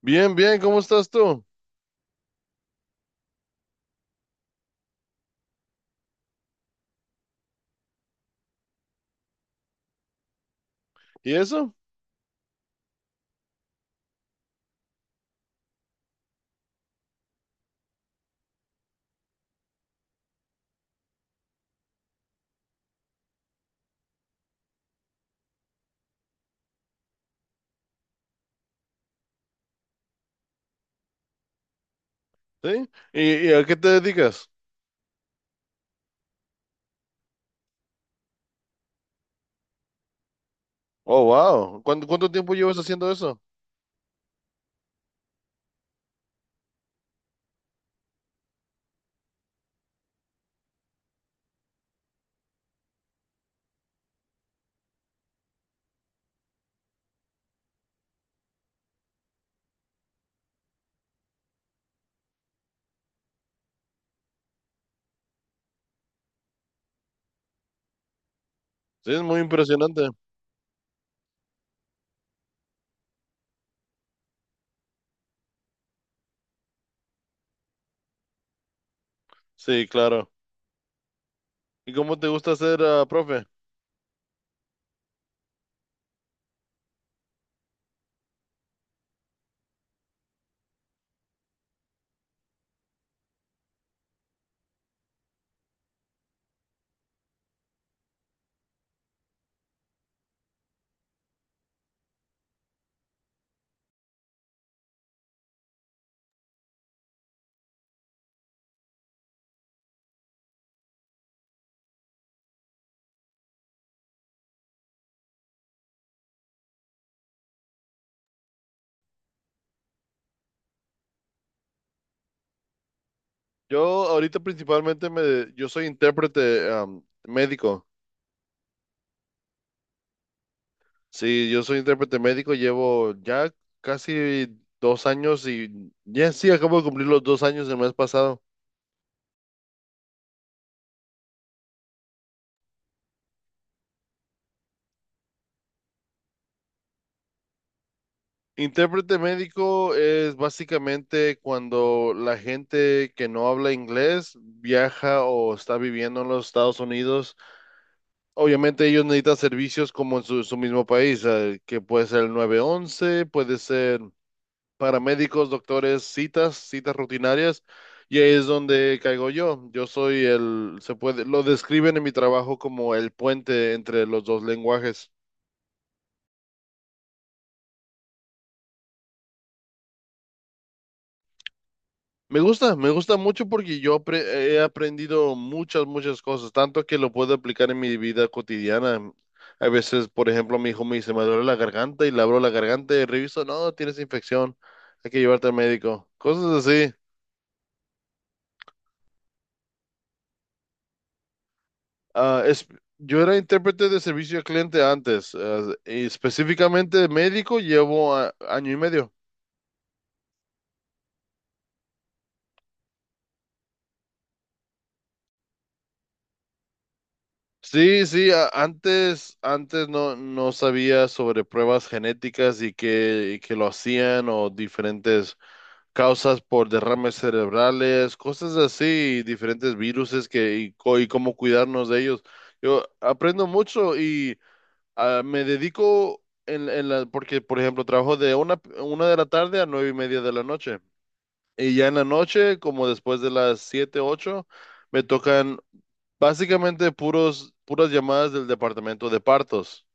Bien, bien, ¿cómo estás tú? ¿Y eso? ¿Sí? ¿Y a qué te dedicas? Oh, wow. ¿Cuánto tiempo llevas haciendo eso? Sí, es muy impresionante. Sí, claro. ¿Y cómo te gusta ser, profe? Yo ahorita principalmente yo soy intérprete, médico. Sí, yo soy intérprete médico, llevo ya casi 2 años y ya sí, acabo de cumplir los 2 años el mes pasado. Intérprete médico es básicamente cuando la gente que no habla inglés viaja o está viviendo en los Estados Unidos. Obviamente ellos necesitan servicios como en su mismo país, que puede ser el 911, puede ser paramédicos, doctores, citas, citas rutinarias. Y ahí es donde caigo yo. Yo soy el, se puede, lo describen en mi trabajo como el puente entre los dos lenguajes. Me gusta mucho porque he aprendido muchas, muchas cosas, tanto que lo puedo aplicar en mi vida cotidiana. A veces, por ejemplo, mi hijo me dice, me duele la garganta y le abro la garganta y reviso, no, tienes infección, hay que llevarte al médico. Cosas así. Ah, yo era intérprete de servicio al cliente antes, y específicamente médico llevo año y medio. Sí, sí, antes no, no sabía sobre pruebas genéticas y que lo hacían o diferentes causas por derrames cerebrales, cosas así, diferentes viruses y cómo cuidarnos de ellos. Yo aprendo mucho y me dedico porque, por ejemplo, trabajo de una de la tarde a 9:30 de la noche. Y ya en la noche, como después de las 7, 8, me tocan básicamente puras llamadas del departamento de partos.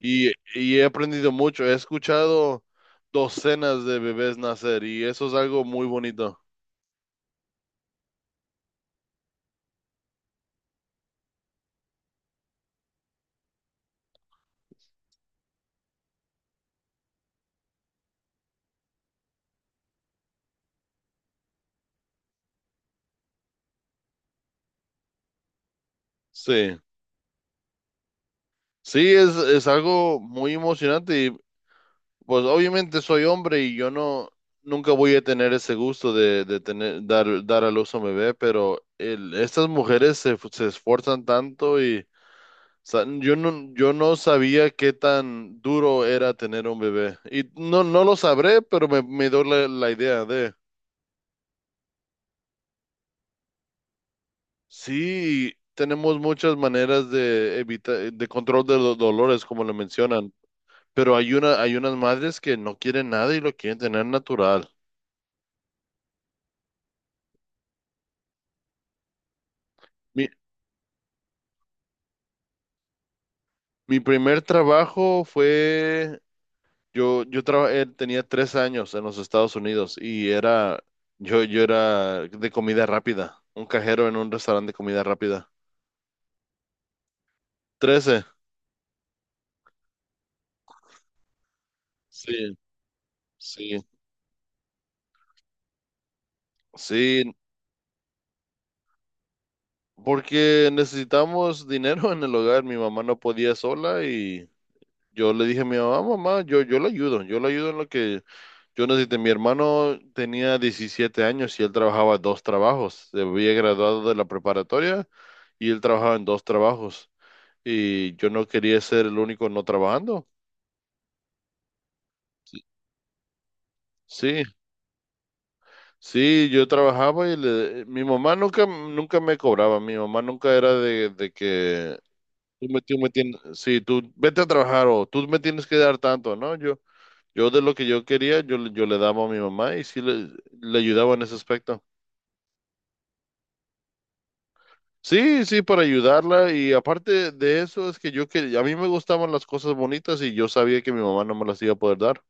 Y he aprendido mucho, he escuchado docenas de bebés nacer y eso es algo muy bonito. Sí, sí, es algo muy emocionante y pues obviamente soy hombre y yo no, nunca voy a tener ese gusto de tener, dar a luz a un bebé, pero estas mujeres se esfuerzan tanto y yo no sabía qué tan duro era tener un bebé y no, no lo sabré, pero me dio la idea de. Sí, tenemos muchas maneras de evitar, de control de los dolores, como lo mencionan. Pero hay unas madres que no quieren nada y lo quieren tener natural. Mi, mi primer trabajo fue, yo trabajé, tenía 3 años en los Estados Unidos y yo era de comida rápida, un cajero en un restaurante de comida rápida. 13. Sí, sí, sí, porque necesitamos dinero en el hogar. Mi mamá no podía sola y yo le dije a mi mamá, mamá, yo la ayudo, yo la ayudo en lo que. Yo, Jonathan, mi hermano tenía 17 años y él trabajaba dos trabajos. Se había graduado de la preparatoria y él trabajaba en dos trabajos. Y yo no quería ser el único no trabajando. Sí, sí, yo trabajaba y mi mamá nunca, nunca me cobraba. Mi mamá nunca era de que tú me tienes, sí, tú vete a trabajar o tú me tienes que dar tanto, ¿no? Yo de lo que yo quería, yo le daba a mi mamá y sí le ayudaba en ese aspecto. Sí, sí, para ayudarla y aparte de eso es que yo que a mí me gustaban las cosas bonitas y yo sabía que mi mamá no me las iba a poder dar.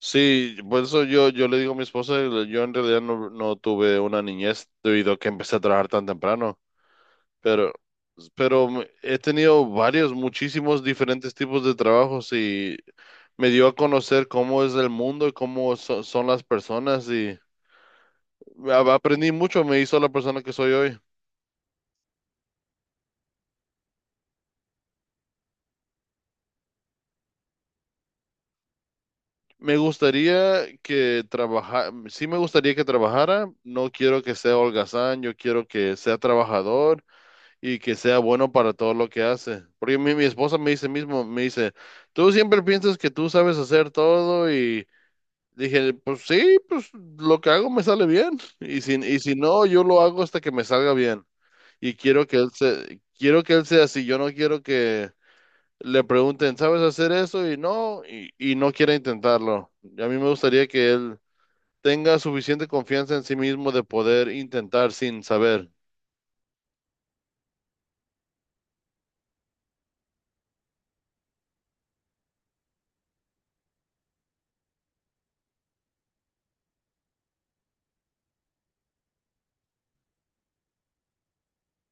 Sí, por eso yo le digo a mi esposa, yo en realidad no, no tuve una niñez debido a que empecé a trabajar tan temprano, pero, pero he tenido varios, muchísimos diferentes tipos de trabajos y me dio a conocer cómo es el mundo y cómo son las personas y aprendí mucho, me hizo la persona que soy hoy. Me gustaría que trabajara, sí me gustaría que trabajara, no quiero que sea holgazán, yo quiero que sea trabajador y que sea bueno para todo lo que hace. Porque mi esposa me dice mismo, me dice, tú siempre piensas que tú sabes hacer todo y dije, pues sí, pues lo que hago me sale bien y si no, yo lo hago hasta que me salga bien. Y quiero que él se, quiero que él sea así, yo no quiero que le pregunten, ¿sabes hacer eso? Y no, y no quiere intentarlo. Y a mí me gustaría que él tenga suficiente confianza en sí mismo de poder intentar sin saber.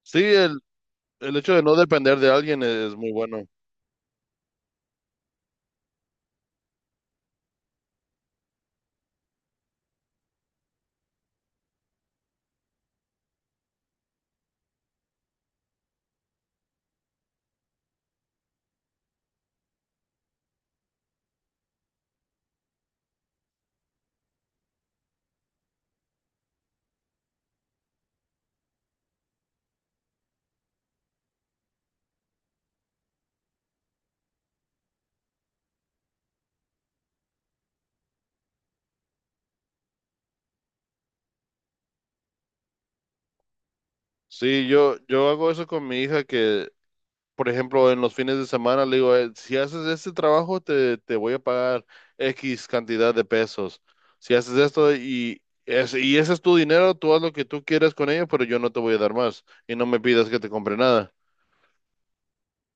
Sí, el hecho de no depender de alguien es muy bueno. Sí, yo hago eso con mi hija que, por ejemplo, en los fines de semana le digo, si haces este trabajo, te voy a pagar X cantidad de pesos. Si haces esto y ese es tu dinero, tú haz lo que tú quieras con ello, pero yo no te voy a dar más y no me pidas que te compre nada".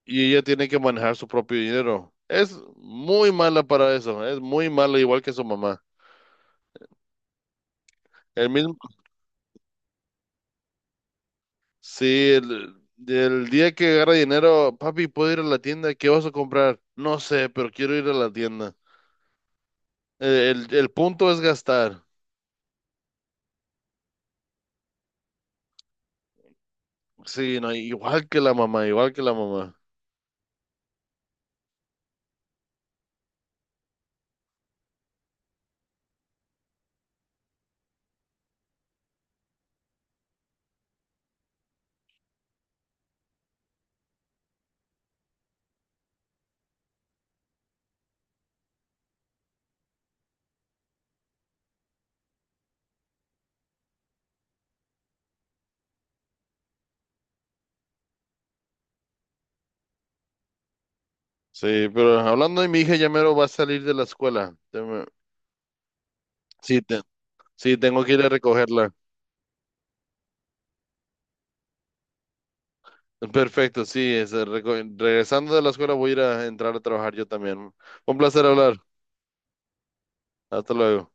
Y ella tiene que manejar su propio dinero. Es muy mala para eso, es muy mala, igual que su mamá. El mismo, sí, el, el día que agarra dinero. Papi, ¿puedo ir a la tienda? ¿Qué vas a comprar? No sé, pero quiero ir a la tienda. El punto es gastar. Sí, no, igual que la mamá, igual que la mamá. Sí, pero hablando de mi hija, ya mero va a salir de la escuela. Sí, sí, tengo que ir a recogerla. Perfecto, sí, regresando de la escuela voy a ir a entrar a trabajar yo también. Un placer hablar. Hasta luego.